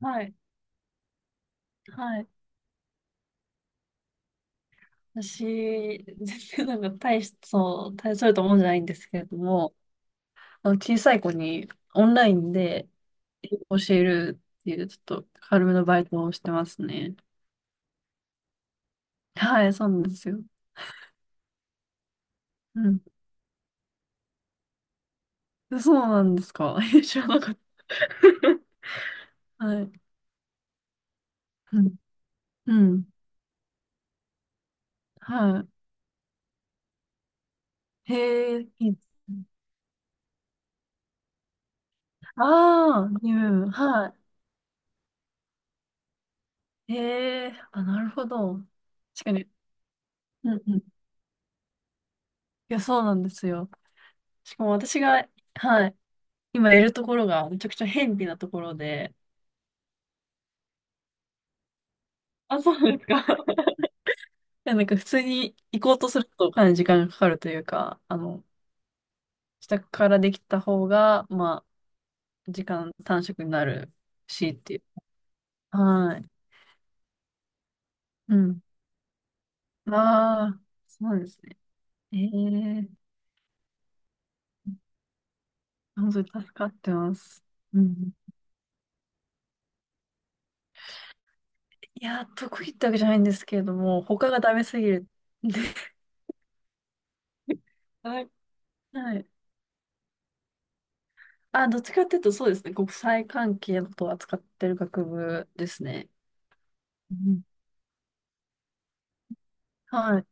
はい、はい。私、全然なんかそう、大それたもんじゃないんですけれども、あの小さい子にオンラインで英語を教えるっていう、ちょっと軽めのバイトをしてますね。はい、そうなんですよ。うん。そうなんですか。え知らなかった。はい。うん。うん。はい。へえ、いいですね。ああ、うん。はい。へえ、あ、なるほど。確かに。うんうん。いや、そうなんですよ。しかも私が、はい、今いるところがめちゃくちゃ辺鄙なところで、あ、そうなんですか。いやなんか普通に行こうとするとかなり時間がかかるというか、あの、自宅からできた方が、まあ、時間短縮になるしっていう。はい。うん。ああ、そうなんですね。ええ本当に助かってます。うん。いや、得意ってわけじゃないんですけれども、他がダメすぎるんで。はい。はい。あ、どっちかっていうとそうですね。国際関係のことを扱ってる学部ですね。うんはい。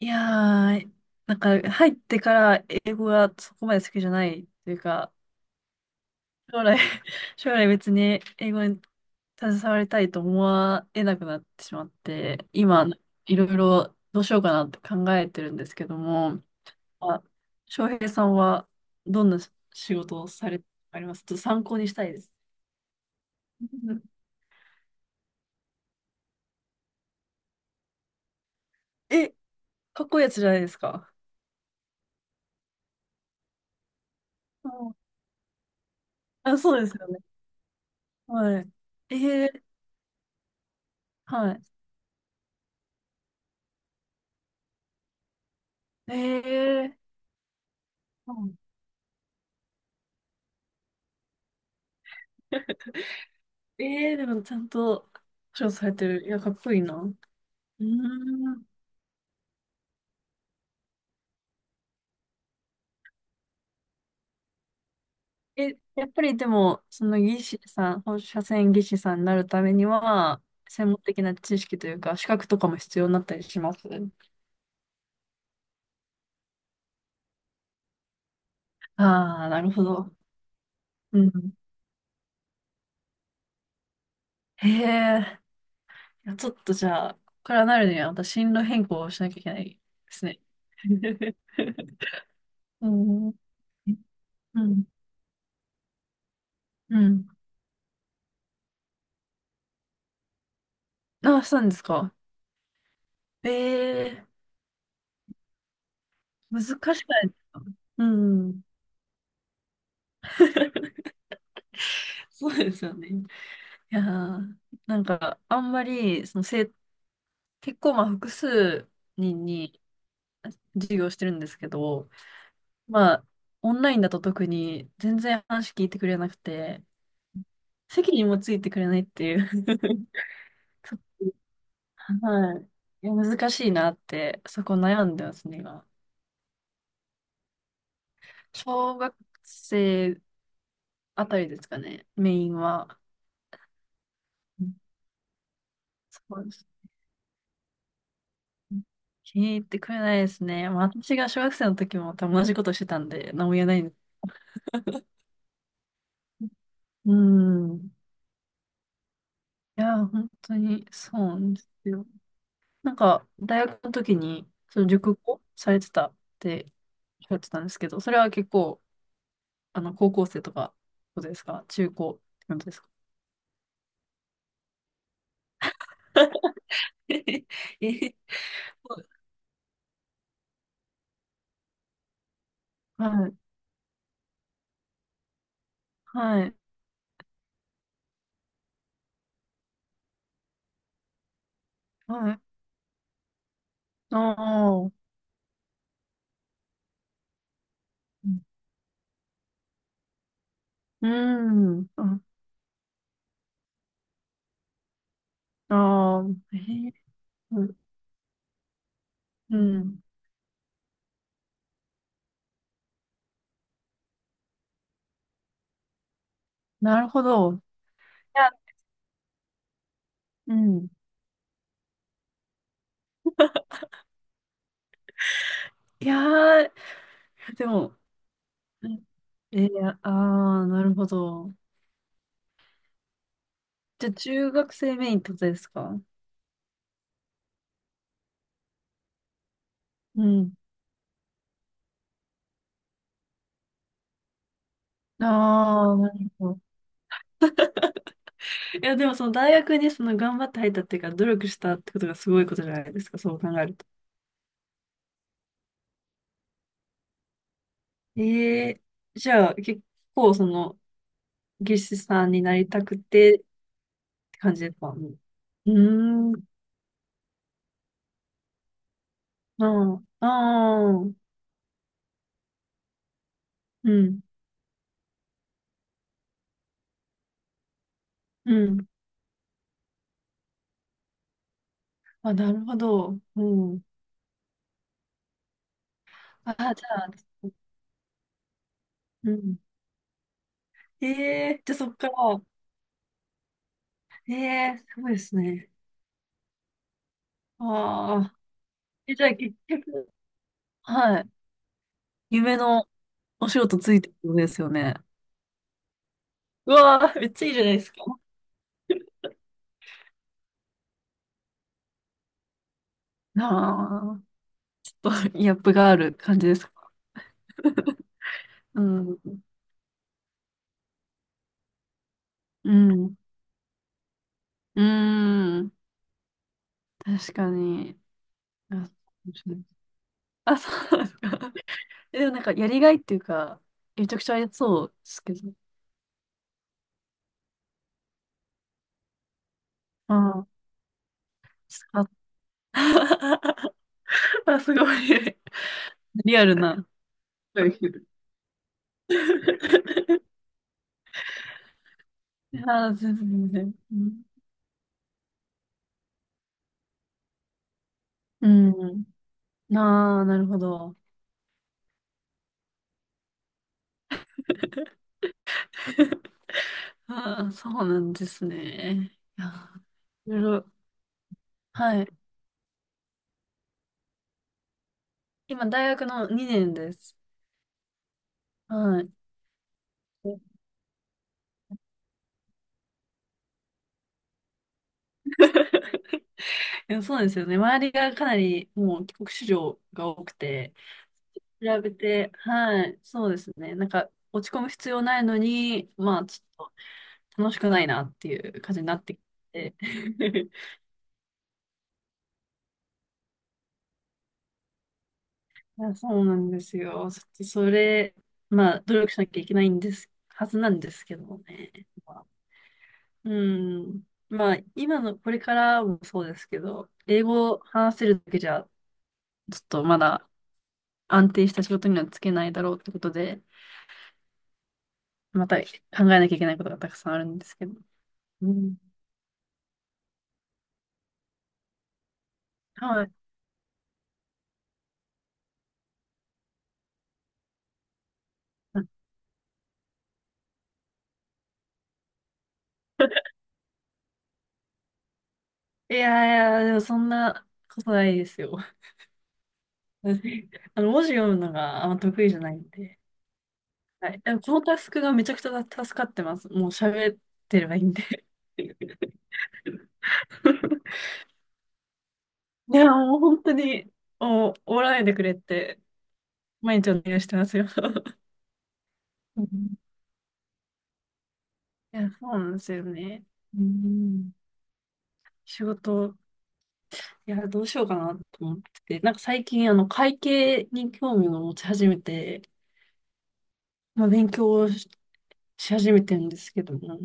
いやー、なんか入ってから英語がそこまで好きじゃないというか、将来、将来別に英語に携わりたいと思わえなくなってしまって、今、いろいろどうしようかなって考えてるんですけども、あ、翔平さんはどんな仕事をされてありますちょっと参考にしたいです。え、かっこいいやつじゃないですか。うんあ、そうですよね。はい。えー、はい。えー、うん えー、でもちゃんと保証されてる。いや、かっこいいな。うーん。え、やっぱりでも、その技師さん、放射線技師さんになるためには、専門的な知識というか、資格とかも必要になったりしますああー、なるほど。うん。へえ、いやちょっとじゃあ、ここからなるには、また進路変更をしなきゃいけないですね。うん。うん。うん。あ、そうなんですか。ええ難しくないですかうん。そうですよね。いやー、なんか、あんまり、結構、まあ、複数人に授業してるんですけど、まあ、オンラインだと特に全然話聞いてくれなくて、席にもついてくれないっていう ちょっと はい。いや、難しいなって、そこ悩んでますね、今。小学生あたりですかね、メインは。うんそうです。気に入ってくれないですね。まあ、私が小学生の時も多分同じことしてたんで、何も言えないんです。うん。いや、本当にそうなんですよ。なんか、大学の時に、その熟語されてたっておっしゃってたんですけど、それは結構、あの、高校生とか、ことですか中高ってことですか ええはい、はい、はい。ああ、うん、うんあああ、ええうん、うんなるほど。いや、うん。いやー、でも、うんえー、あー、なるほど。じゃあ、中学生メインってことですかうん。ああ、なるほど。いや、でも、その大学にその頑張って入ったっていうか、努力したってことがすごいことじゃないですか、そう考えると。ええじゃあ、結構、その、技師さんになりたくてって感じですかうん。うーん、ああ、ああ、うん、うん。あ、なるほど。うん。あ、じゃあ、うん。ええじゃあそっから、ええすごいですね。ああ。え、じゃあ結局、はい。夢のお仕事ついてるんですよね。うわあ、めっちゃいいじゃないですか。ああ、ちょっとギャップがある感じですか。うん。うん。うん。確かに。あ、面白いあ、そうなんですか。えでもなんか、やりがいっていうか、めちゃくちゃありそうですけど。ああ、スカッ あ、すごい。リアルな。ああ、全然。うん。うんああ、なるほど。ああ、そうなんですね。いやー、いろいろ。はい。今、大学の2年です。はい。でもそうなんですよね。周りがかなりもう帰国子女が多くて、比べて、はい、そうですね。なんか落ち込む必要ないのに、まあちょっと楽しくないなっていう感じになってきて。いや、そうなんですよ。それ、まあ、努力しなきゃいけないんです、はずなんですけどもね。まあうん。まあ、今の、これからもそうですけど、英語を話せるだけじゃ、ちょっとまだ安定した仕事にはつけないだろうってことで、また考えなきゃいけないことがたくさんあるんですけど。うん。はい。いやいや、でもそんなことないですよ。あの、文字読むのがあんま得意じゃないんで。はい。でもこのタスクがめちゃくちゃ助かってます。もう喋ってればいいんで。いや、もう本当に、もう、おらないでくれって、毎日お願いしてますよ。うんいや、そうなんですよね。うん。仕事、いや、どうしようかなと思ってて、なんか最近、あの、会計に興味を持ち始めて、まあ、勉強をし始めてるんですけども。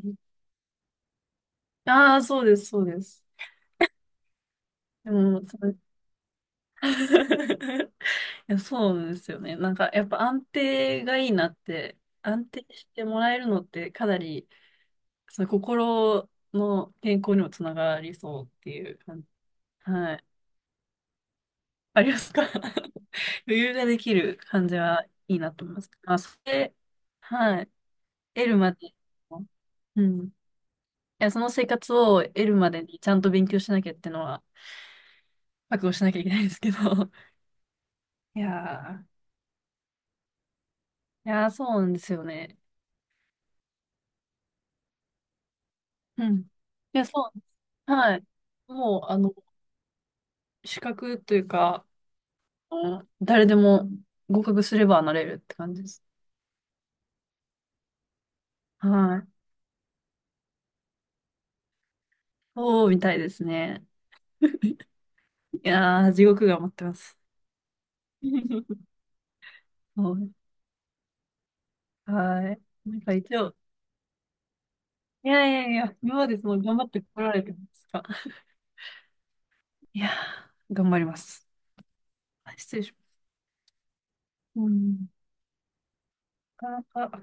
ああ、そうです、そうです。でも、それ いやそうですよね。なんか、やっぱ安定がいいなって、安定してもらえるのってかなり、その心の健康にもつながりそうっていう感じ。はい。ありますか 余裕ができる感じはいいなと思います。まあ、それ、はい。得るまでの、うん。いや、その生活を得るまでにちゃんと勉強しなきゃってのは、覚悟しなきゃいけないですけど。いやー、いやー、そうなんですよね。うん。いや、そう。はい。もう、あの、資格というか、うん誰でも合格すればなれるって感じです。はい。そうみたいですね。いやー、地獄が待ってます。そうはい。なんか一応、いやいやいや、今までその頑張ってこられてるんですか。いやー、頑張ります。あ失礼します。うん、なかなか。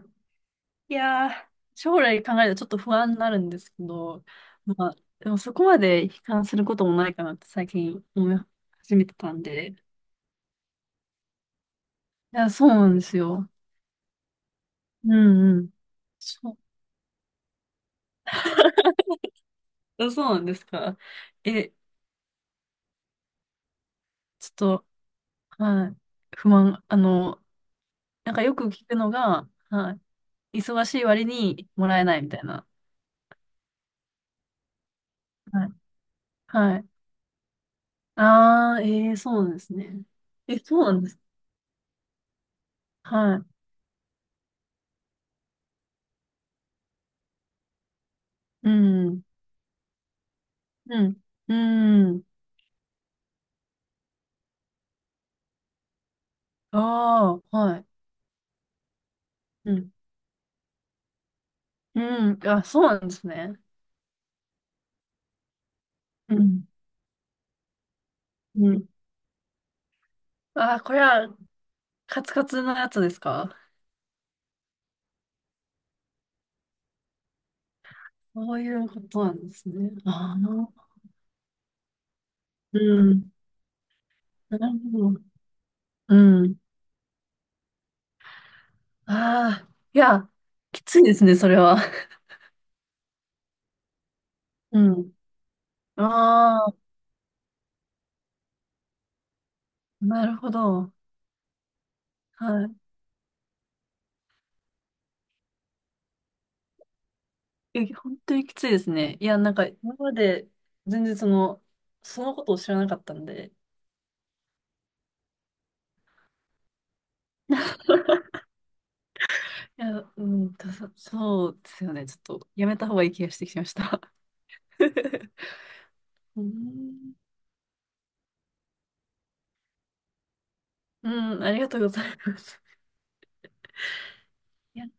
いやー、将来考えるとちょっと不安になるんですけど、まあ、でもそこまで悲観することもないかなって最近思い始めてたんで。いや、そうなんですよ。うんうん。そう、あそうなんですか。え、ちょっと、はい、不安、あの、なんかよく聞くのが、はい、忙しい割にもらえないみたいな。はい。はい。ああ、えー、そうなんですね。え、そうなんです。はい。うん。うん。うん。ああ、はい。うん。うん。あ、そうなんですね。うん。うん。ああ、これはカツカツのやつですかそういうことなんですね。ああ、うん。なるほど。うん。ああ、いや、きついですね、それは。うん。ああ、なるほど。はい。え、本当にきついですね。いや、なんか、今まで全然その、そのことを知らなかったんで。いや、うん、たそうですよね。ちょっと、やめた方がいい気がしてきました。うん、うんありがとうございます。いや